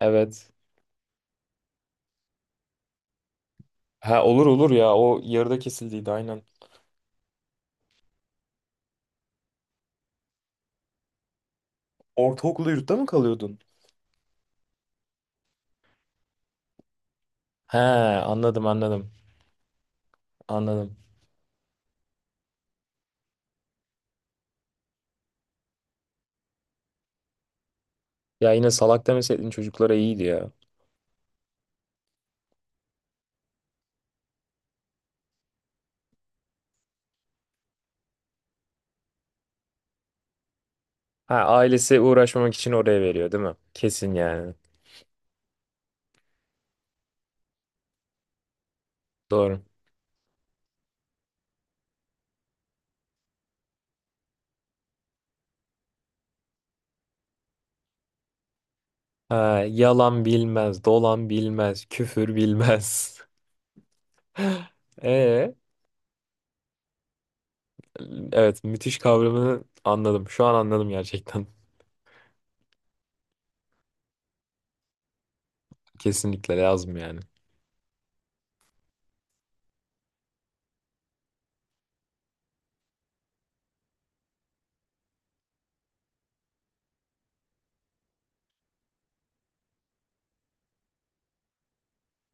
Evet. Ha olur olur ya o yarıda kesildiydi aynen. Ortaokulda yurtta mı kalıyordun? He anladım anladım. Anladım. Ya yine salak demeseydin çocuklara iyiydi ya. Ha ailesi uğraşmamak için oraya veriyor değil mi? Kesin yani. Doğru. Ha yalan bilmez, dolan bilmez, küfür bilmez. Ee, evet müthiş kavramını anladım. Şu an anladım gerçekten. Kesinlikle lazım yani.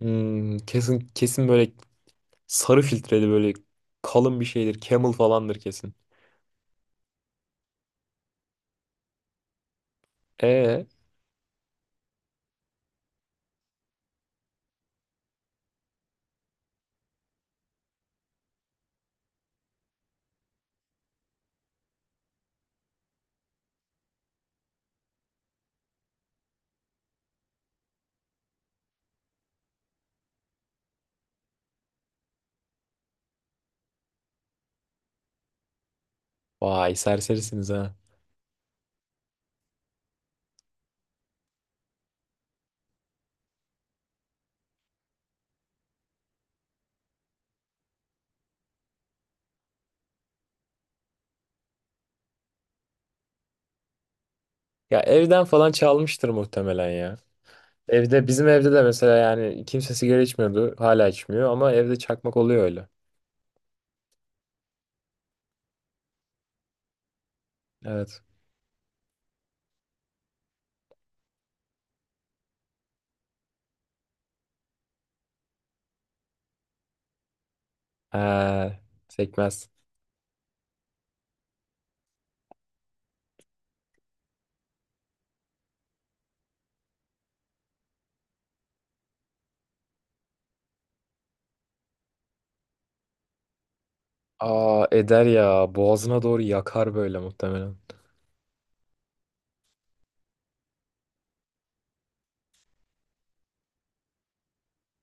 Hmm, kesin kesin böyle sarı filtreli böyle kalın bir şeydir. Camel falandır kesin. E Vay serserisiniz ha. Ya evden falan çalmıştır muhtemelen ya. Evde bizim evde de mesela yani kimse sigara içmiyordu. Hala içmiyor ama evde çakmak oluyor öyle. Evet. He, sekmez. Aa eder ya. Boğazına doğru yakar böyle muhtemelen.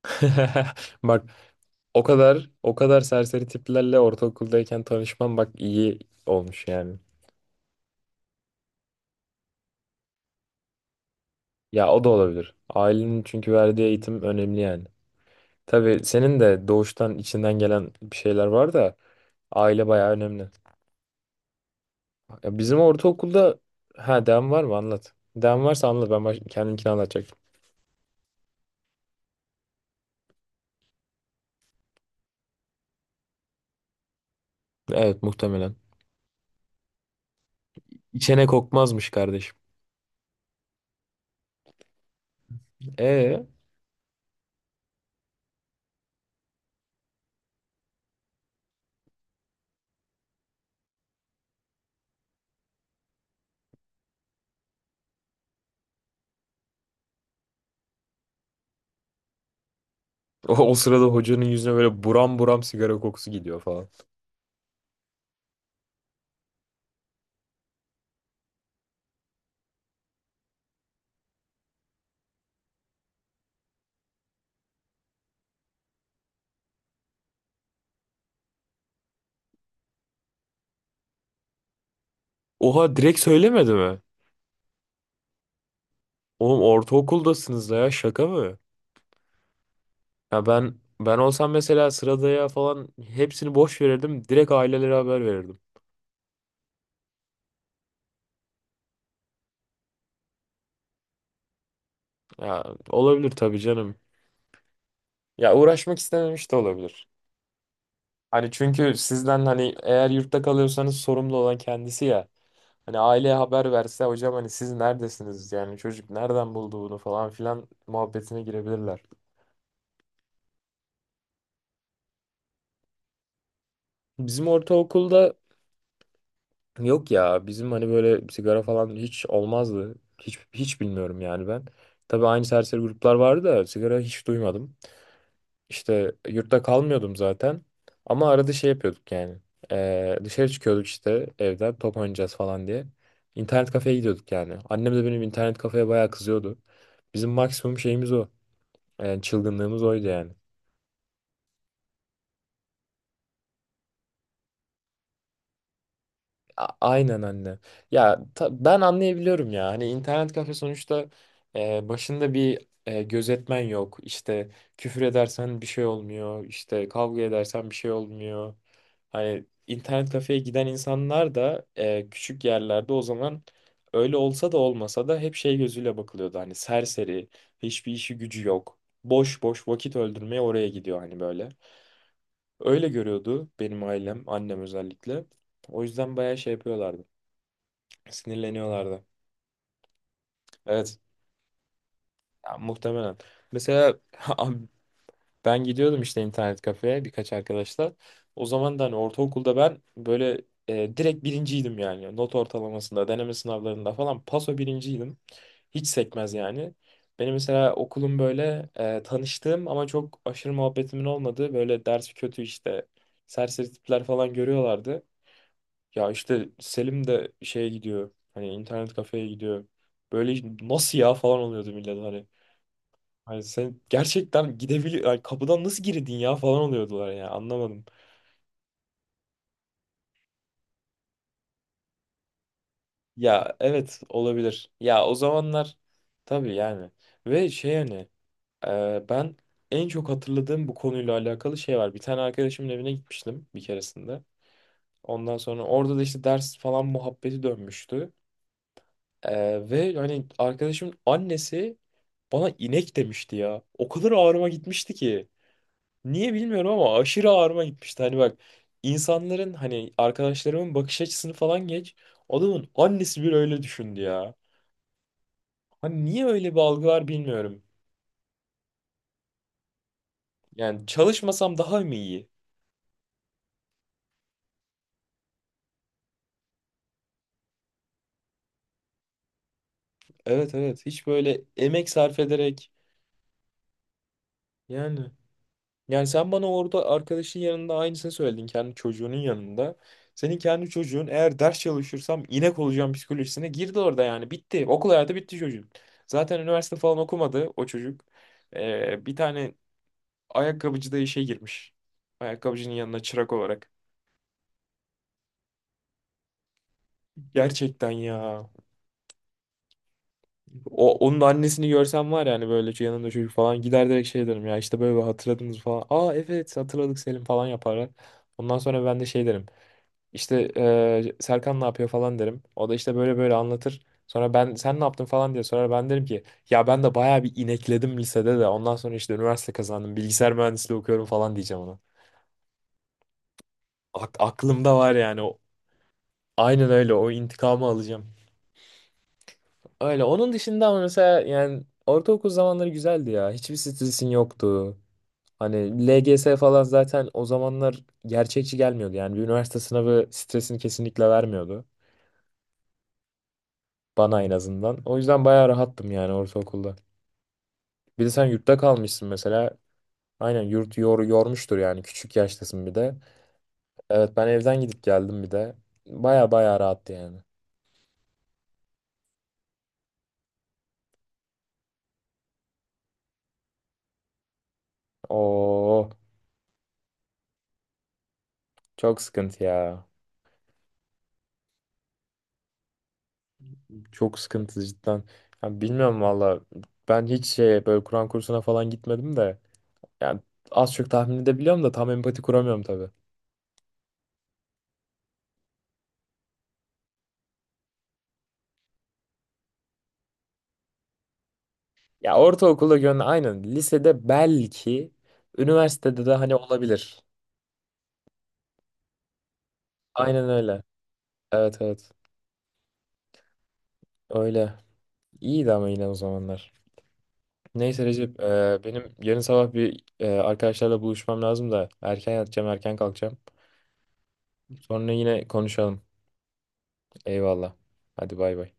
Bak o kadar o kadar serseri tiplerle ortaokuldayken tanışmam bak iyi olmuş yani. Ya o da olabilir. Ailenin çünkü verdiği eğitim önemli yani. Tabii senin de doğuştan içinden gelen bir şeyler var da aile bayağı önemli. Ya bizim ortaokulda ha devam var mı anlat. Devam varsa anlat ben baş... kendimkini anlatacaktım. Evet muhtemelen. İçene kokmazmış kardeşim. E o sırada hocanın yüzüne böyle buram buram sigara kokusu gidiyor falan. Oha direkt söylemedi mi? Oğlum ortaokuldasınız da ya şaka mı? Ya ben olsam mesela sıradaya falan hepsini boş verirdim. Direkt ailelere haber verirdim. Ya olabilir tabii canım. Ya uğraşmak istememiş de olabilir. Hani çünkü sizden hani eğer yurtta kalıyorsanız sorumlu olan kendisi ya. Hani aileye haber verse hocam hani siz neredesiniz yani çocuk nereden buldu bunu falan filan muhabbetine girebilirler. Bizim ortaokulda yok ya bizim hani böyle sigara falan hiç olmazdı. Hiç, hiç bilmiyorum yani ben. Tabii aynı serseri gruplar vardı da sigara hiç duymadım. İşte yurtta kalmıyordum zaten. Ama arada şey yapıyorduk yani. Dışarı çıkıyorduk işte evden top oynayacağız falan diye. İnternet kafeye gidiyorduk yani. Annem de benim internet kafeye bayağı kızıyordu. Bizim maksimum şeyimiz o. Yani çılgınlığımız oydu yani. Aynen anne. Ya ben anlayabiliyorum ya. Hani internet kafe sonuçta başında bir gözetmen yok. İşte küfür edersen bir şey olmuyor. İşte kavga edersen bir şey olmuyor. Hani internet kafeye giden insanlar da küçük yerlerde o zaman öyle olsa da olmasa da hep şey gözüyle bakılıyordu. Hani serseri, hiçbir işi gücü yok. Boş boş vakit öldürmeye oraya gidiyor hani böyle. Öyle görüyordu benim ailem, annem özellikle. O yüzden bayağı şey yapıyorlardı. Sinirleniyorlardı. Evet. Ya, muhtemelen. Mesela abi ben gidiyordum işte internet kafeye birkaç arkadaşla. O zaman da hani ortaokulda ben böyle direkt birinciydim yani. Not ortalamasında, deneme sınavlarında falan paso birinciydim. Hiç sekmez yani. Benim mesela okulum böyle tanıştığım ama çok aşırı muhabbetimin olmadığı böyle dersi kötü işte serseri tipler falan görüyorlardı. Ya işte Selim de şeye gidiyor. Hani internet kafeye gidiyor. Böyle nasıl ya falan oluyordu millet hani. Hani sen gerçekten gidebilir hani kapıdan nasıl girdin ya falan oluyordular ya anlamadım. Ya evet olabilir. Ya o zamanlar tabii yani. Ve şey hani ben en çok hatırladığım bu konuyla alakalı şey var. Bir tane arkadaşımın evine gitmiştim bir keresinde. Ondan sonra orada da işte ders falan muhabbeti dönmüştü. Ve hani arkadaşımın annesi bana inek demişti ya. O kadar ağrıma gitmişti ki. Niye bilmiyorum ama aşırı ağrıma gitmişti. Hani bak insanların hani arkadaşlarımın bakış açısını falan geç. Adamın annesi bile öyle düşündü ya. Hani niye öyle bir algı var bilmiyorum. Yani çalışmasam daha mı iyi? Evet evet hiç böyle emek sarf ederek yani. Yani sen bana orada arkadaşın yanında aynısını söyledin kendi çocuğunun yanında. Senin kendi çocuğun eğer ders çalışırsam inek olacağım psikolojisine girdi orada yani bitti. Okul hayatı bitti çocuğun. Zaten üniversite falan okumadı o çocuk. Bir tane ayakkabıcı da işe girmiş. Ayakkabıcının yanına çırak olarak. Gerçekten ya. O, onun annesini görsem var yani böyle yanında çocuk falan gider direkt şey derim ya işte böyle hatırladınız falan. Aa evet hatırladık Selim falan yaparlar. Ondan sonra ben de şey derim. İşte Serkan ne yapıyor falan derim. O da işte böyle böyle anlatır. Sonra ben sen ne yaptın falan diye sorar. Ben derim ki ya ben de bayağı bir inekledim lisede de. Ondan sonra işte üniversite kazandım. Bilgisayar mühendisliği okuyorum falan diyeceğim ona. Aklımda var yani. O, aynen öyle. O intikamı alacağım. Öyle. Onun dışında ama mesela yani ortaokul zamanları güzeldi ya. Hiçbir stresin yoktu. Hani LGS falan zaten o zamanlar gerçekçi gelmiyordu. Yani bir üniversite sınavı stresini kesinlikle vermiyordu. Bana en azından. O yüzden bayağı rahattım yani ortaokulda. Bir de sen yurtta kalmışsın mesela. Aynen yormuştur yani. Küçük yaştasın bir de. Evet ben evden gidip geldim bir de. Bayağı bayağı rahattı yani. Oo çok sıkıntı ya. Çok sıkıntı cidden. Ya bilmiyorum valla. Ben hiç şey böyle Kur'an kursuna falan gitmedim de. Yani az çok tahmin edebiliyorum da tam empati kuramıyorum tabii. Ya ortaokulda gönlü aynen. Lisede belki. Üniversitede de hani olabilir. Aynen öyle. Evet evet. Öyle. İyiydi ama yine o zamanlar. Neyse Recep, benim yarın sabah bir arkadaşlarla buluşmam lazım da erken yatacağım, erken kalkacağım. Sonra yine konuşalım. Eyvallah. Hadi bay bay.